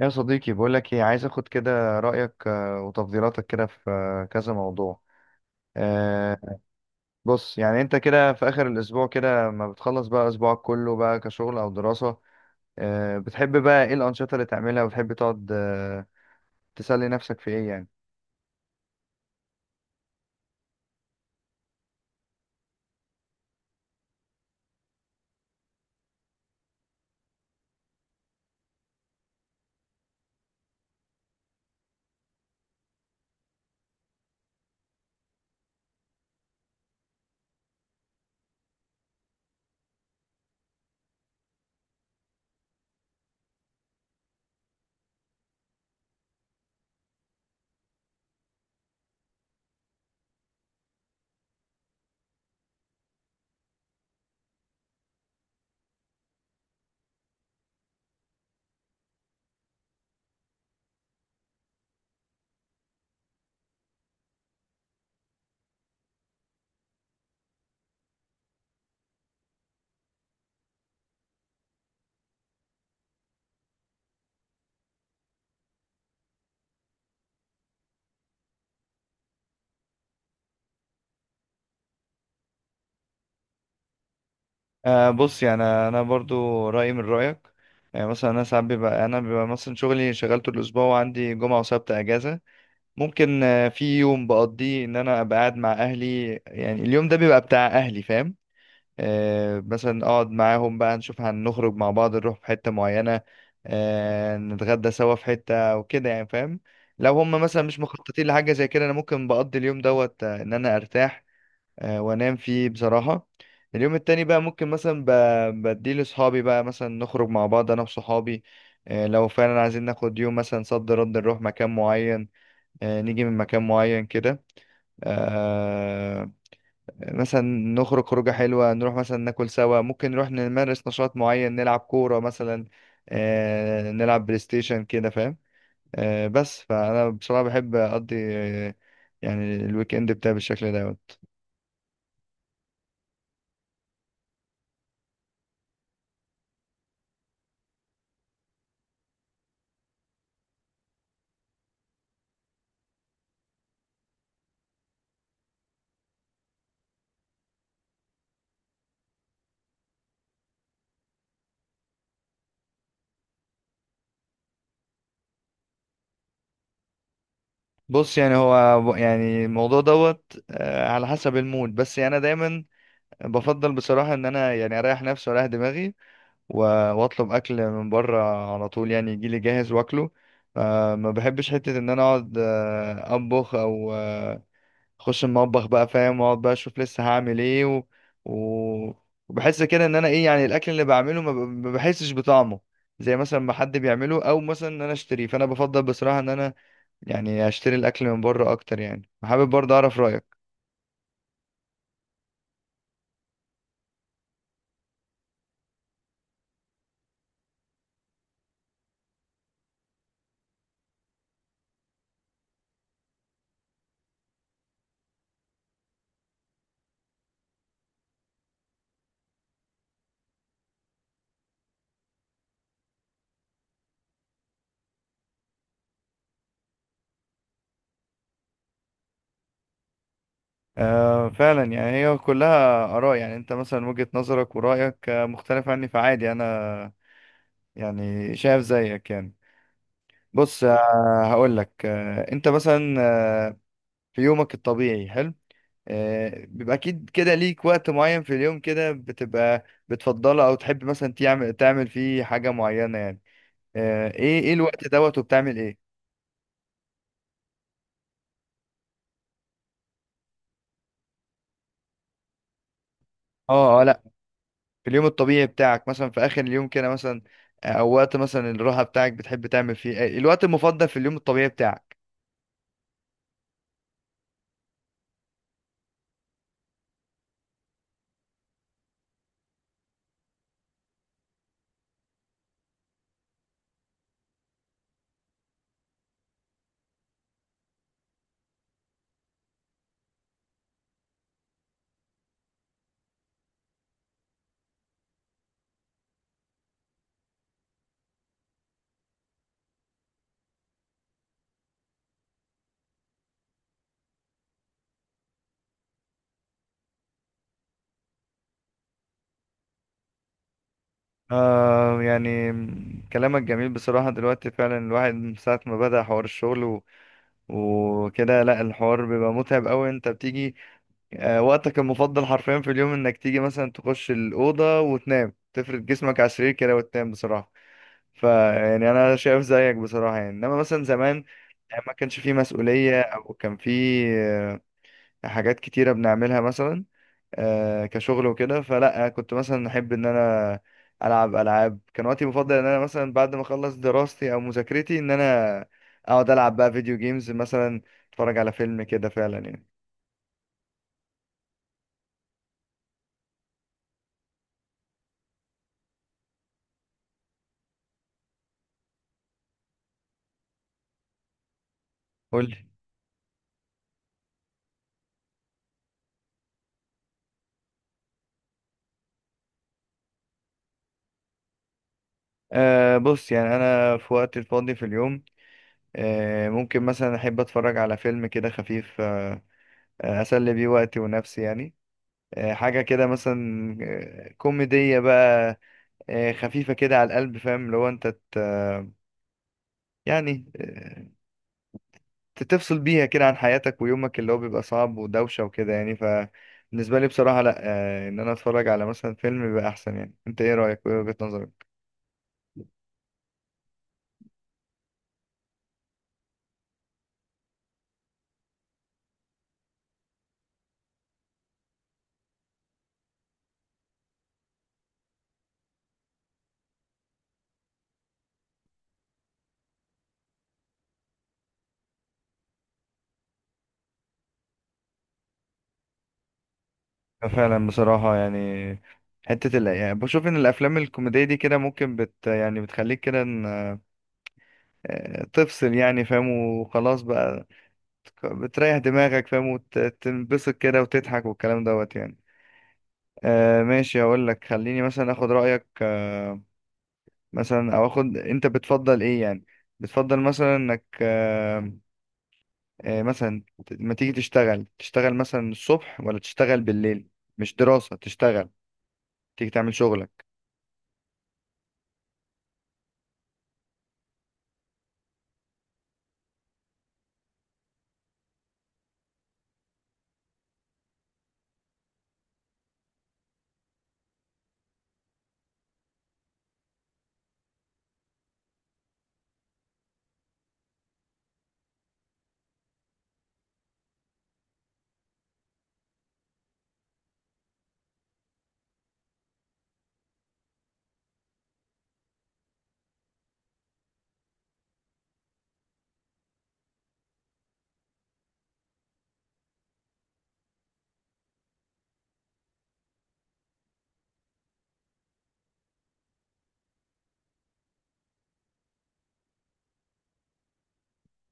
يا صديقي، بقولك ايه، عايز اخد كده رأيك، وتفضيلاتك كده في كذا موضوع. آه، بص، يعني انت كده في اخر الاسبوع كده ما بتخلص بقى اسبوعك كله بقى كشغل او دراسة. بتحب بقى ايه الانشطة اللي تعملها، وبتحب تقعد تسلي نفسك في ايه يعني؟ بص، يعني انا برضو رأيي من رأيك. يعني مثلا انا ساعات بيبقى مثلا شغلي، شغلته الاسبوع وعندي جمعة وسبت اجازة. ممكن في يوم بقضيه ان انا ابقى قاعد مع اهلي، يعني اليوم ده بيبقى بتاع اهلي، فاهم. مثلا اقعد معاهم بقى نشوف هنخرج مع بعض، نروح في حتة معينة، نتغدى سوا في حتة وكده يعني، فاهم. لو هم مثلا مش مخططين لحاجة زي كده، انا ممكن بقضي اليوم دوت ان انا ارتاح وانام فيه بصراحة. اليوم التاني بقى ممكن مثلا بديه لاصحابي، بقى مثلا نخرج مع بعض انا وصحابي، لو فعلا عايزين ناخد يوم مثلا صد رد نروح مكان معين، نيجي من مكان معين كده، آه، مثلا نخرج خروجة حلوة، نروح مثلا ناكل سوا، ممكن نروح نمارس نشاط معين، نلعب كورة مثلا، نلعب بلاي ستيشن كده فاهم. بس فأنا بصراحة بحب أقضي يعني الويك إند بتاعي بالشكل دوت. بص، يعني هو يعني الموضوع دوت على حسب المود. بس يعني أنا دايما بفضل بصراحة إن أنا يعني أريح نفسي وأريح دماغي، وأطلب أكل من بره على طول، يعني يجيلي جاهز وأكله. ما بحبش حتة إن أنا أقعد أطبخ أو اخش المطبخ بقى، فاهم، واقعد بقى اشوف لسه هعمل ايه و... وبحس كده ان انا ايه، يعني الاكل اللي بعمله ما بحسش بطعمه زي مثلا ما حد بيعمله، او مثلا ان انا اشتريه. فانا بفضل بصراحة ان انا يعني اشتري الاكل من بره اكتر. يعني حابب برضه اعرف رايك. فعلا، يعني هي كلها اراء، يعني انت مثلا وجهة نظرك ورايك مختلف عني فعادي، انا يعني شايف زيك يعني. بص، هقول لك، انت مثلا آه في يومك الطبيعي حلو، بيبقى اكيد كده ليك وقت معين في اليوم كده بتبقى بتفضله، او تحب مثلا تعمل فيه حاجة معينة يعني، ايه الوقت دوت وبتعمل ايه؟ اه اه، لا، في اليوم الطبيعي بتاعك مثلا في اخر اليوم كده مثلا، او وقت مثلا الراحة بتاعك بتحب تعمل فيه إيه؟ الوقت المفضل في اليوم الطبيعي بتاعك. يعني كلامك جميل بصراحة. دلوقتي فعلا الواحد من ساعة ما بدأ حوار الشغل وكده، لا، الحوار بيبقى متعب أوي. أنت بتيجي وقتك المفضل حرفيا في اليوم انك تيجي مثلا تخش الأوضة وتنام، تفرد جسمك على السرير كده وتنام بصراحة. فيعني انا شايف زيك بصراحة. يعني انما مثلا زمان ما كانش فيه مسؤولية، او كان فيه حاجات كتيرة بنعملها مثلا كشغل وكده، فلا كنت مثلا احب ان انا العب العاب. كان وقتي المفضل ان انا مثلا بعد ما اخلص دراستي او مذاكرتي ان انا اقعد العب بقى فيديو جيمز مثلا، اتفرج على فيلم كده فعلا يعني. قول. بص، يعني أنا في وقت الفاضي في اليوم ممكن مثلا أحب أتفرج على فيلم كده خفيف، أه آه، أسلي بيه وقتي ونفسي يعني. حاجة كده مثلا كوميدية بقى، خفيفة كده على القلب، فاهم، لو أنت يعني تفصل بيها كده عن حياتك ويومك اللي هو بيبقى صعب ودوشة وكده يعني. فبالنسبة لي بصراحة لأ، إن أنا أتفرج على مثلا فيلم بيبقى أحسن. يعني أنت إيه رأيك وإيه وجهة نظرك؟ فعلا بصراحة يعني يعني بشوف ان الافلام الكوميدية دي كده ممكن يعني بتخليك كده إن... آه، تفصل يعني، فاهم، وخلاص بقى بتريح دماغك، فاهم، وتنبسط كده وتضحك والكلام دوت يعني. ماشي، اقول لك خليني مثلا اخد رأيك مثلا، او اخد انت بتفضل ايه يعني، بتفضل مثلا انك مثلا لما تيجي تشتغل، تشتغل مثلا الصبح ولا تشتغل بالليل؟ مش دراسة، تشتغل، تيجي تعمل شغلك.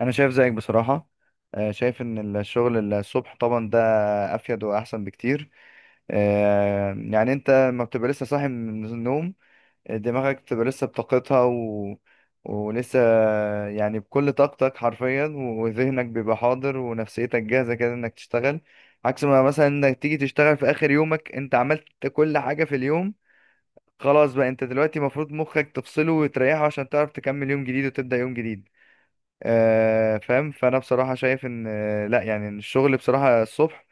انا شايف زيك بصراحه، شايف ان الشغل الصبح طبعا ده افيد واحسن بكتير. يعني انت ما بتبقى لسه صاحي من النوم، دماغك بتبقى لسه بطاقتها، ولسه يعني بكل طاقتك حرفيا، وذهنك بيبقى حاضر ونفسيتك جاهزه كده انك تشتغل. عكس ما مثلا انك تيجي تشتغل في اخر يومك، انت عملت كل حاجه في اليوم، خلاص بقى انت دلوقتي المفروض مخك تفصله وتريحه عشان تعرف تكمل يوم جديد وتبدأ يوم جديد، فاهم. فانا بصراحه شايف ان لا، يعني إن الشغل بصراحه الصبح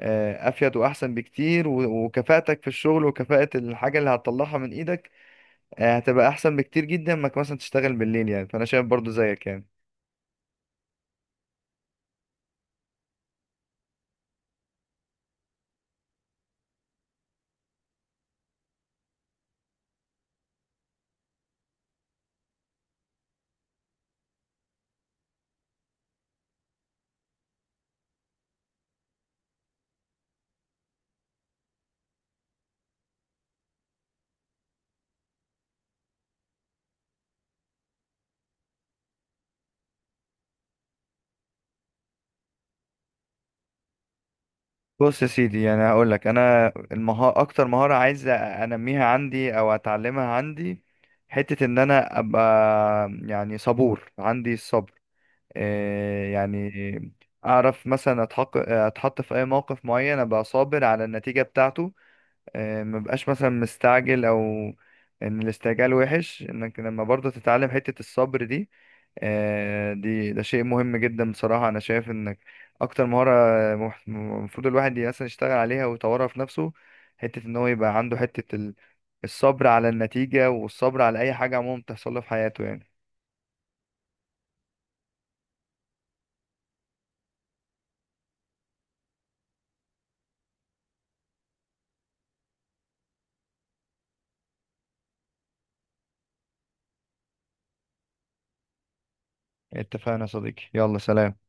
افيد واحسن بكتير، وكفاءتك في الشغل وكفاءه الحاجه اللي هتطلعها من ايدك هتبقى احسن بكتير جدا ما مثلا تشتغل بالليل. يعني فانا شايف برضو زيك يعني. بص يا سيدي، يعني هقول لك انا، اكتر مهاره عايز انميها عندي او اتعلمها عندي، حته ان انا ابقى يعني صبور، عندي الصبر، يعني اعرف مثلا اتحط في اي موقف معين ابقى صابر على النتيجة بتاعته، ما بقاش مثلا مستعجل. او ان الاستعجال وحش، انك لما برضه تتعلم حتة الصبر دي، دي ده شيء مهم جدا بصراحة. انا شايف انك اكتر مهارة المفروض الواحد مثلا يشتغل عليها ويطورها في نفسه، حتة ان هو يبقى عنده الصبر على النتيجة والصبر على اي حاجة عموما بتحصل له في حياته يعني. اتفقنا يا صديقي، يلا سلام.